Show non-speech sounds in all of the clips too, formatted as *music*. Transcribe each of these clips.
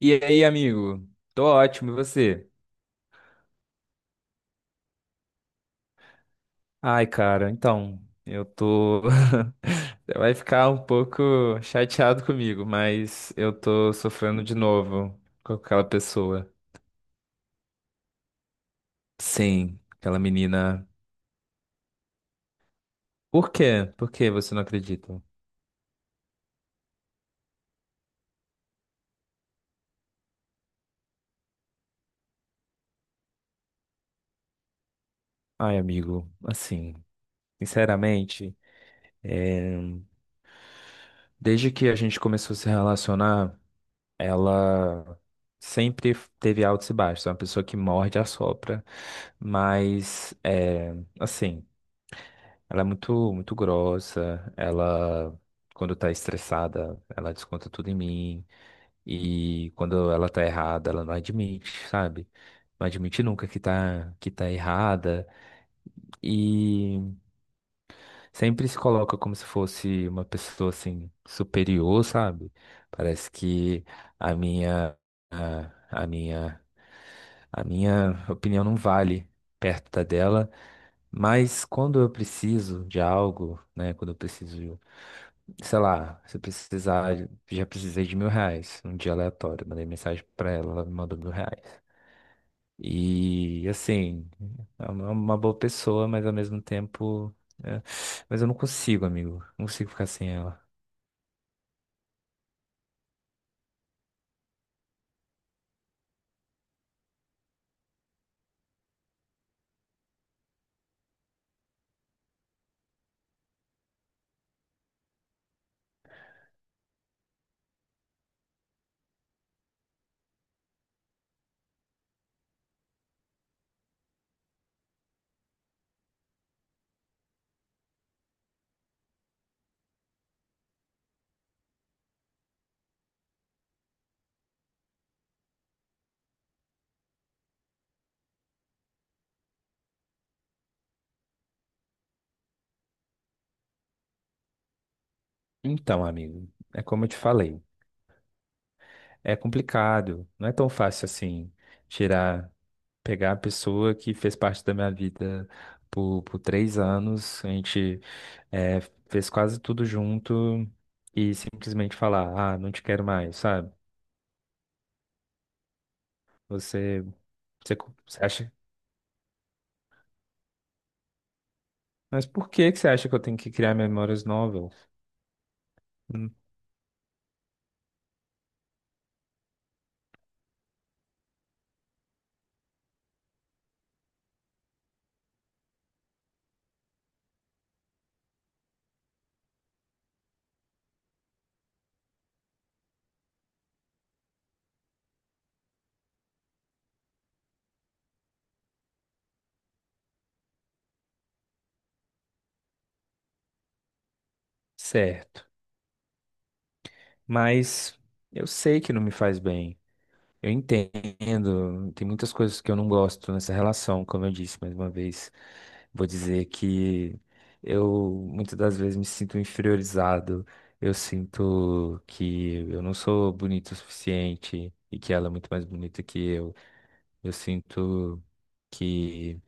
E aí, amigo? Tô ótimo, e você? Ai, cara, então, eu tô. *laughs* Você vai ficar um pouco chateado comigo, mas eu tô sofrendo de novo com aquela pessoa. Sim, aquela menina. Por quê? Por que você não acredita? Ai, amigo, assim, sinceramente, é, desde que a gente começou a se relacionar. Ela sempre teve altos e baixos, é uma pessoa que morde e assopra, mas assim, ela é muito, muito grossa, ela quando tá estressada, ela desconta tudo em mim, e quando ela tá errada, ela não admite, sabe? Não admite nunca que tá errada. E sempre se coloca como se fosse uma pessoa assim superior, sabe? Parece que a minha a, a minha a minha opinião não vale perto da dela, mas quando eu preciso de algo, né, quando eu preciso, sei lá, se eu precisar, já precisei de R$ 1.000, um dia aleatório, mandei mensagem pra ela, ela me mandou R$ 1.000. E assim, é uma boa pessoa, mas ao mesmo tempo. É, mas eu não consigo, amigo. Não consigo ficar sem ela. Então, amigo, é como eu te falei. É complicado. Não é tão fácil assim tirar, pegar a pessoa que fez parte da minha vida por 3 anos. A gente é, fez quase tudo junto e simplesmente falar, ah, não te quero mais, sabe? Você, você, você acha. Mas por que que você acha que eu tenho que criar memórias novas? Hum, Certo. Mas eu sei que não me faz bem. Eu entendo. Tem muitas coisas que eu não gosto nessa relação, como eu disse mais uma vez. Vou dizer que eu muitas das vezes me sinto inferiorizado. Eu sinto que eu não sou bonito o suficiente e que ela é muito mais bonita que eu. Eu sinto que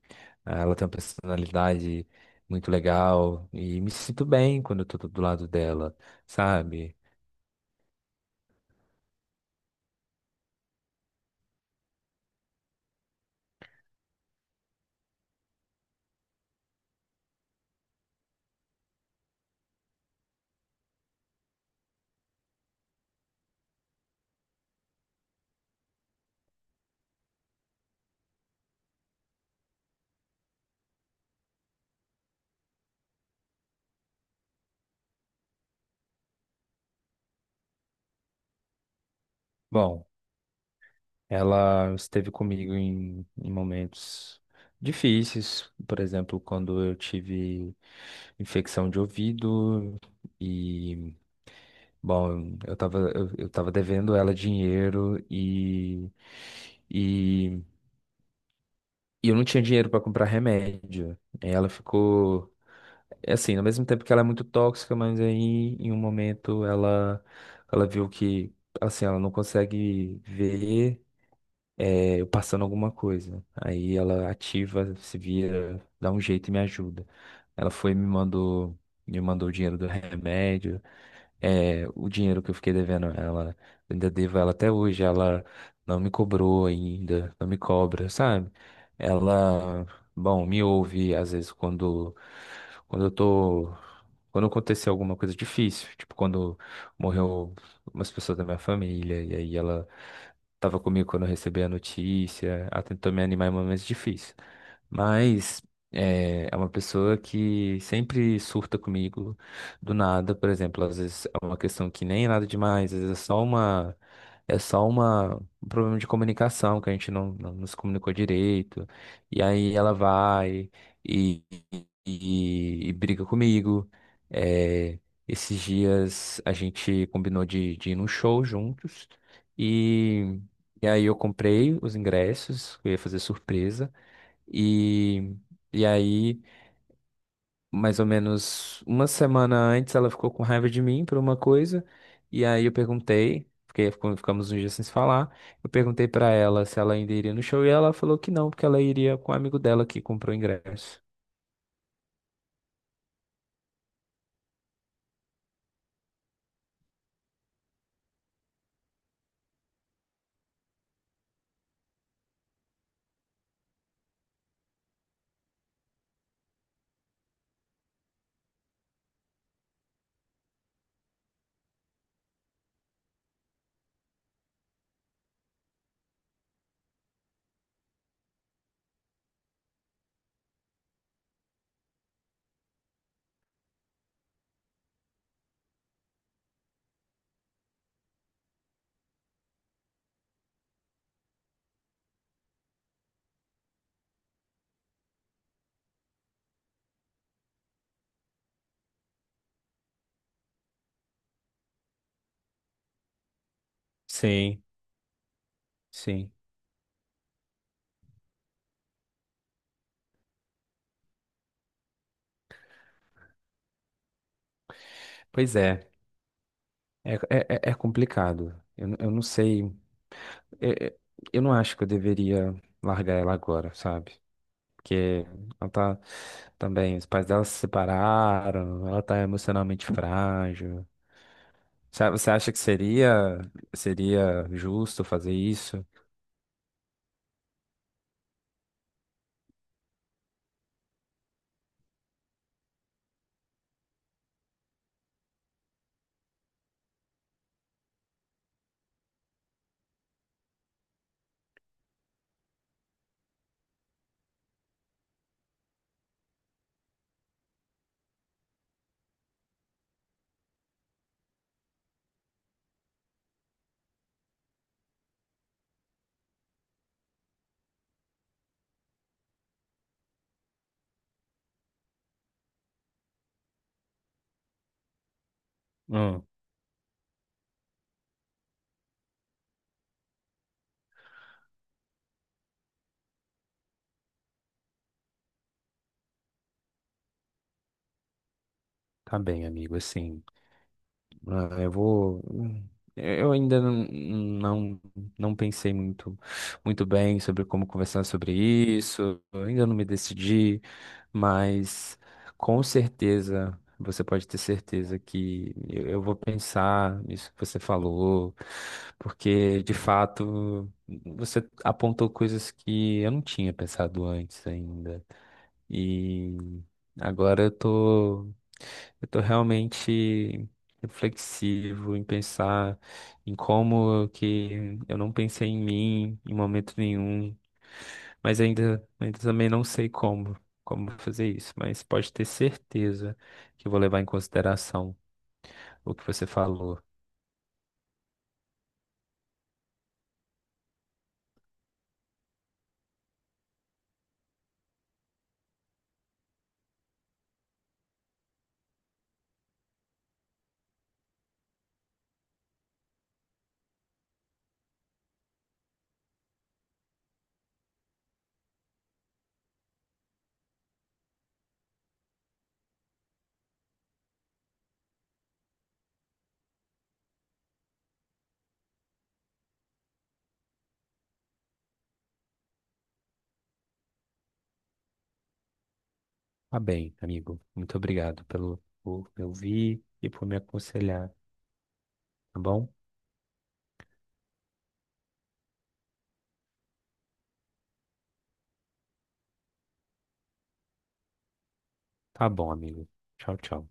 ela tem uma personalidade muito legal e me sinto bem quando eu tô do lado dela, sabe? Bom, ela esteve comigo em momentos difíceis, por exemplo, quando eu tive infecção de ouvido e, bom, eu tava devendo ela dinheiro e, e eu não tinha dinheiro para comprar remédio. Aí ela ficou, é assim, ao mesmo tempo que ela é muito tóxica, mas aí em um momento ela viu que, assim, ela não consegue ver, é, eu passando alguma coisa. Aí ela ativa, se vira, dá um jeito e me ajuda. Ela foi e me mandou o dinheiro do remédio. É, o dinheiro que eu fiquei devendo a ela, eu ainda devo a ela até hoje. Ela não me cobrou ainda, não me cobra, sabe? Ela, bom, me ouve às vezes quando eu tô, quando aconteceu alguma coisa difícil, tipo quando morreu umas pessoas da minha família, e aí ela tava comigo quando eu recebi a notícia, ela tentou me animar em momentos difíceis. Mas é, é uma pessoa que sempre surta comigo, do nada, por exemplo, às vezes é uma questão que nem é nada demais, às vezes é só uma problema de comunicação que a gente não nos comunicou direito. E aí ela vai e, e briga comigo. É, esses dias a gente combinou de ir num show juntos e, e aí eu comprei os ingressos, eu ia fazer surpresa e E aí, mais ou menos uma semana antes, ela ficou com raiva de mim por uma coisa, e aí eu perguntei, porque ficamos uns dias sem se falar, eu perguntei pra ela se ela ainda iria no show, e ela falou que não, porque ela iria com um amigo dela que comprou ingresso. Sim, sim. Pois é, é complicado. Eu não sei, é- é- eu não acho que eu deveria largar ela agora, sabe? Porque ela tá também, os pais dela se separaram, ela tá emocionalmente frágil. Você acha que seria justo fazer isso? Hum, tá bem, amigo, assim. Ah, eu vou. Eu ainda não pensei muito bem sobre como conversar sobre isso. Eu ainda não me decidi, mas com certeza, você pode ter certeza que eu vou pensar nisso que você falou, porque de fato você apontou coisas que eu não tinha pensado antes ainda. E agora eu tô realmente reflexivo em pensar em como que eu não pensei em mim em momento nenhum, mas ainda também não sei como fazer isso, mas pode ter certeza que eu vou levar em consideração o que você falou. Tá bem, amigo. Muito obrigado pelo por me ouvir e por me aconselhar, tá bom? Tá bom, amigo. Tchau, tchau.